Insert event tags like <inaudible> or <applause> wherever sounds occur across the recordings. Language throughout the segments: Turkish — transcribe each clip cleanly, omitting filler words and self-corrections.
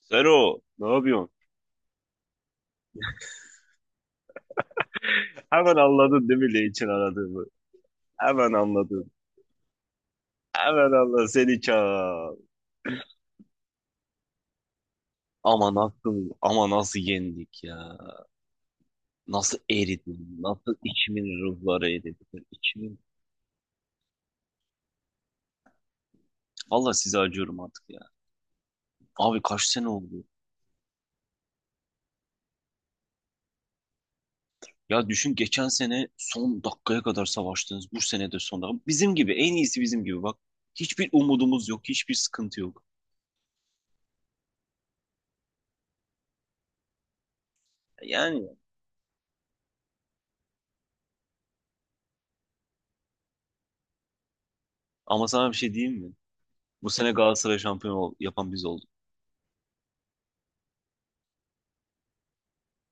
Sero, ne yapıyorsun? <laughs> Hemen anladın değil mi ne için aradığımı? Hemen anladın. Hemen anladın. Seni çağır. Ama nasıl yendik ya? Nasıl eridin? Nasıl içimin ruhları eridi? Böyle İçimin. Valla size acıyorum artık ya. Abi kaç sene oldu? Ya düşün, geçen sene son dakikaya kadar savaştınız. Bu sene de son dakika. Bizim gibi, en iyisi bizim gibi bak. Hiçbir umudumuz yok, hiçbir sıkıntı yok. Yani ama sana bir şey diyeyim mi? Bu sene Galatasaray yapan biz olduk.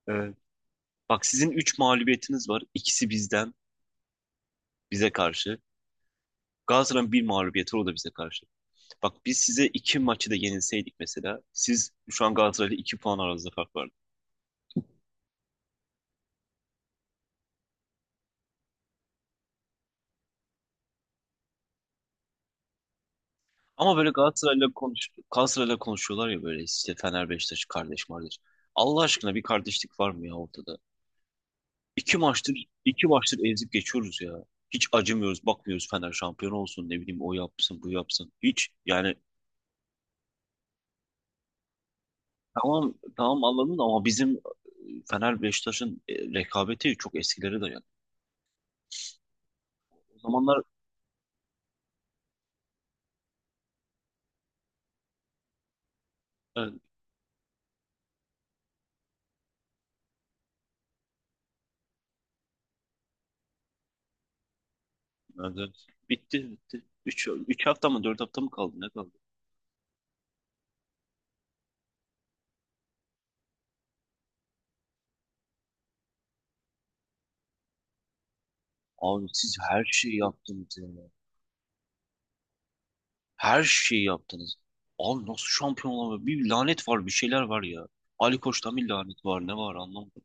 Evet. Bak, sizin 3 mağlubiyetiniz var. İkisi bizden, bize karşı. Galatasaray'ın bir mağlubiyeti, o da bize karşı. Bak, biz size iki maçı da yenilseydik mesela, siz şu an Galatasaray'la 2 puan aranızda fark vardı. Ama böyle Galatasaray'la konuşuyorlar ya, böyle işte, Fener Beşiktaş kardeş kardeş. Allah aşkına bir kardeşlik var mı ya ortada? İki maçtır iki maçtır ezip geçiyoruz ya. Hiç acımıyoruz, bakmıyoruz. Fener şampiyon olsun, ne bileyim, o yapsın, bu yapsın. Hiç yani. Tamam tamam, anladım da ama bizim Fener Beşiktaş'ın rekabeti çok eskilere dayanıyor. O zamanlar evet, evet, evet. Bitti bitti. Üç hafta mı, 4 hafta mı kaldı, ne kaldı? Abi siz her şeyi yaptınız ya. Her şeyi yaptınız. Abi nasıl şampiyon olamıyor? Bir lanet var, bir şeyler var ya. Ali Koç'tan bir lanet var, ne var, anlamadım.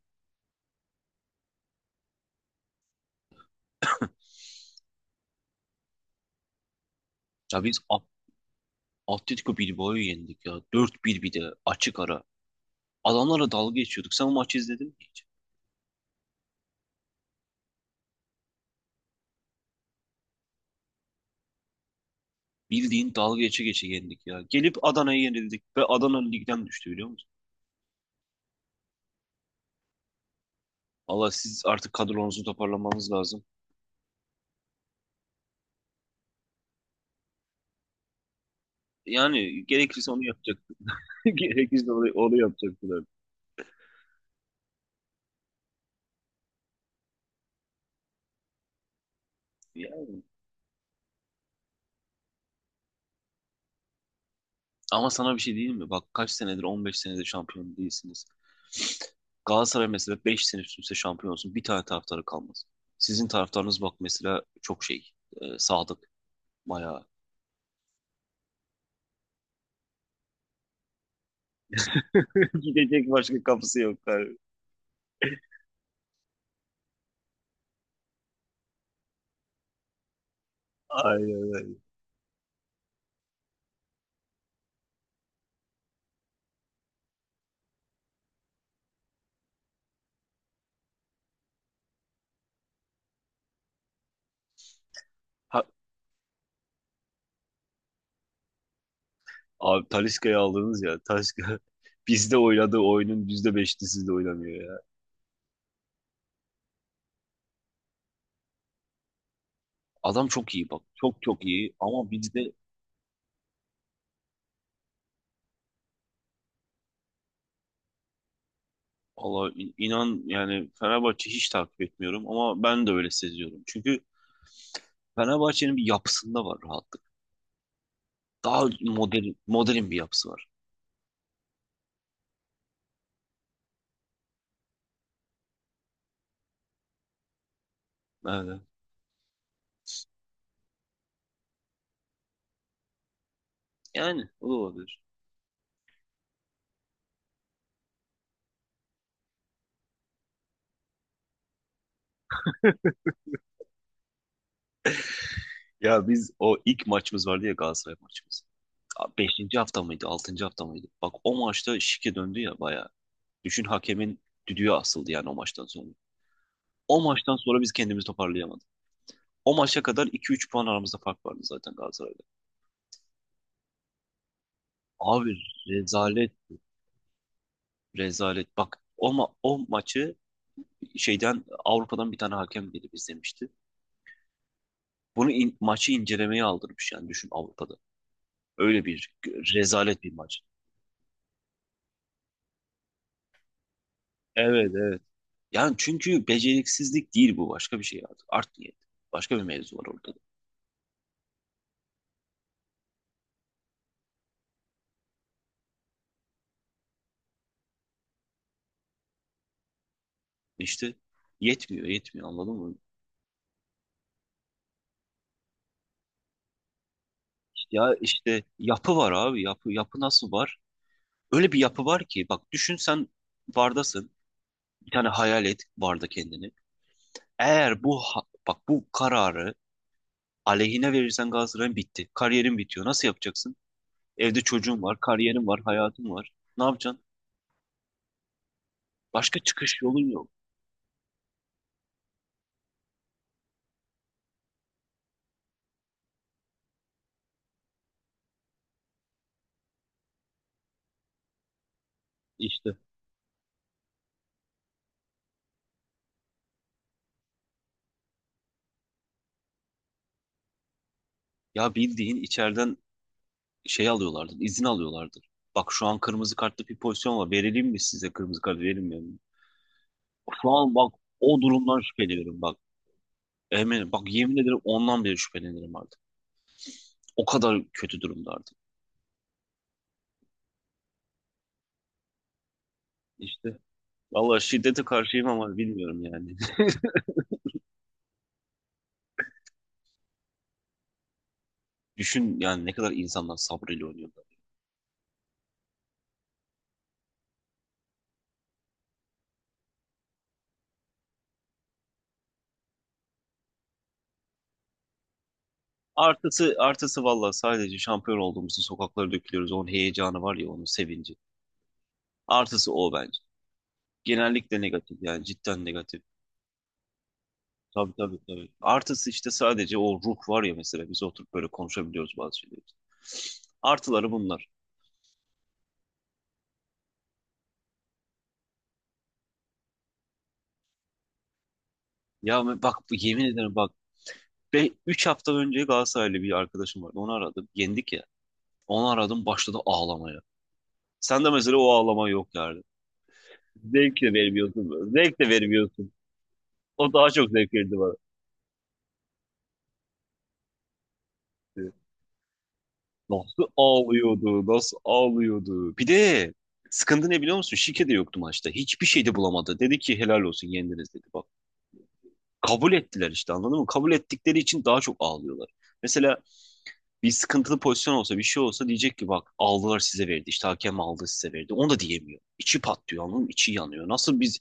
Ya biz A- Atletico Bilbao'yu yendik ya. Dört 1 bir de açık ara. Adamlara dalga geçiyorduk. Sen o maçı izledin mi hiç? Bildiğin dalga geçe geçe yendik ya. Gelip Adana'ya yenildik ve Adana ligden düştü, biliyor musun? Allah, siz artık kadronuzu toparlamanız lazım. Yani gerekirse onu yapacaktık. <laughs> Gerekirse onu yapacaktılar. Ya. Ama sana bir şey diyeyim mi? Bak, kaç senedir, 15 senedir şampiyon değilsiniz. Galatasaray mesela 5 sene üst üste şampiyon olsun, bir tane taraftarı kalmaz. Sizin taraftarınız bak mesela çok şey. Sadık. Bayağı. <laughs> Gidecek başka kapısı yok, abi. Aynen öyle. Abi Talisca'yı aldınız ya. Talisca <laughs> bizde oynadığı oyunun %5'ini sizde oynamıyor ya. Adam çok iyi bak. Çok çok iyi, ama bizde. Allah, inan yani, Fenerbahçe hiç takip etmiyorum ama ben de öyle seziyorum. Çünkü Fenerbahçe'nin bir yapısında var rahatlık. Daha modern, modern bir yapısı var. Evet. Yani o da olabilir. Ya, biz o ilk maçımız vardı ya, Galatasaray maçımız. Abi beşinci hafta mıydı, altıncı hafta mıydı? Bak, o maçta şike döndü ya bayağı. Düşün, hakemin düdüğü asıldı yani o maçtan sonra. O maçtan sonra biz kendimizi toparlayamadık. O maça kadar 2-3 puan aramızda fark vardı zaten Galatasaray'da. Abi rezalet, rezalet. Bak o maçı, şeyden, Avrupa'dan bir tane hakem gelip izlemişti. Bunu maçı incelemeye aldırmış, yani düşün, Avrupa'da. Öyle bir rezalet bir maç. Evet evet. Yani çünkü beceriksizlik değil bu, başka bir şey artık. Art niyet. Başka bir mevzu var ortada. İşte yetmiyor yetmiyor, anladın mı? Ya işte yapı var abi, yapı yapı nasıl var? Öyle bir yapı var ki, bak düşün sen, bardasın. Bir tane hayal et barda kendini. Eğer bu bak, bu kararı aleyhine verirsen Galatasaray'ın, bitti. Kariyerin bitiyor. Nasıl yapacaksın? Evde çocuğun var, kariyerin var, hayatın var. Ne yapacaksın? Başka çıkış yolun yok. İşte ya, bildiğin içeriden şey alıyorlardı, izin alıyorlardı. Bak, şu an kırmızı kartlı bir pozisyon var. Verelim mi? Size kırmızı kart verilmiyor mu? Şu an bak, o durumdan şüpheleniyorum bak. Eminim bak, yemin ederim, ondan beri şüphelenirim artık. O kadar kötü durumda artık. İşte, valla şiddete karşıyım ama bilmiyorum yani. <laughs> Düşün yani, ne kadar insanlar sabrıyla oynuyorlar. Artısı artısı valla, sadece şampiyon olduğumuzu sokaklara dökülüyoruz. Onun heyecanı var ya, onun sevinci. Artısı o bence. Genellikle negatif, yani cidden negatif. Tabii tabii tabii. Artısı işte sadece o ruh var ya, mesela biz oturup böyle konuşabiliyoruz bazı şeyleri. Artıları bunlar. Bak, yemin ederim bak, 3 hafta önce Galatasaraylı bir arkadaşım vardı. Onu aradım. Yendik ya. Onu aradım, başladı ağlamaya. Sen de mesela o ağlama yok yani. Zevk de vermiyorsun böyle. Zevk de vermiyorsun. O daha çok zevk verdi bana. Nasıl ağlıyordu, nasıl ağlıyordu. Bir de sıkıntı ne biliyor musun? Şike de yoktu maçta. Hiçbir şey de bulamadı. Dedi ki, helal olsun, yendiniz, dedi. Bak, kabul ettiler işte, anladın mı? Kabul ettikleri için daha çok ağlıyorlar. Mesela bir sıkıntılı pozisyon olsa, bir şey olsa, diyecek ki bak, aldılar size verdi. İşte hakem aldı size verdi. Onu da diyemiyor. İçi patlıyor, anladın mı? İçi yanıyor. Nasıl biz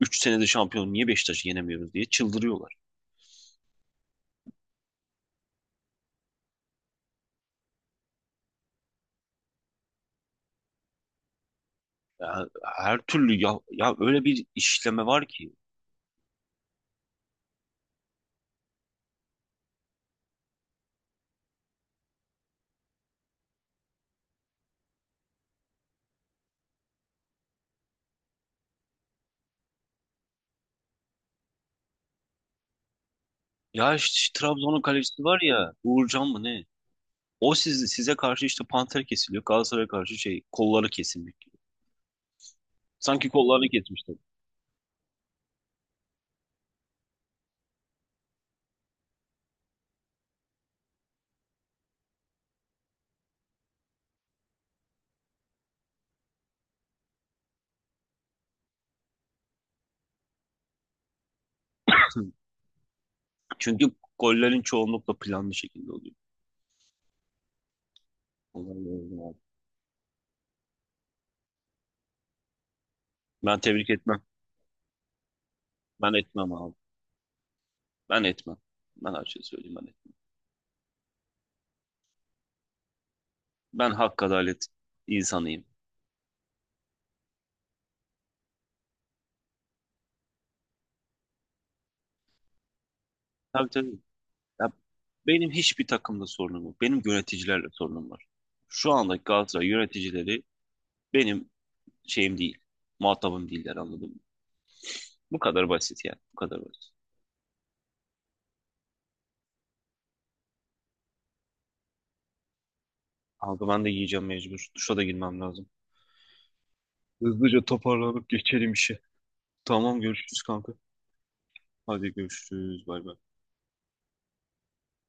3 senede şampiyon, niye Beşiktaş'ı yenemiyoruz diye çıldırıyorlar. Ya, her türlü ya, öyle bir işleme var ki. Ya işte Trabzon'un kalecisi var ya, Uğurcan mı ne? O size karşı işte panter kesiliyor. Galatasaray'a karşı şey, kolları kesilmek gibi. Sanki kollarını kesmişler. Çünkü gollerin çoğunlukla planlı şekilde oluyor. Vallahi öyle abi. Ben tebrik etmem. Ben etmem abi. Ben etmem. Ben her şeyi söyleyeyim, ben etmem. Ben hak adalet insanıyım. Tabii tabii. Ya, benim hiçbir takımda sorunum yok. Benim yöneticilerle sorunum var. Şu andaki Galatasaray yöneticileri benim şeyim değil. Muhatabım değiller, anladın mı? Bu kadar basit yani. Bu kadar basit. Abi ben de yiyeceğim mecbur. Duşa da girmem lazım. Hızlıca toparlanıp geçelim işe. Tamam, görüşürüz kanka. Hadi görüşürüz. Bay bay.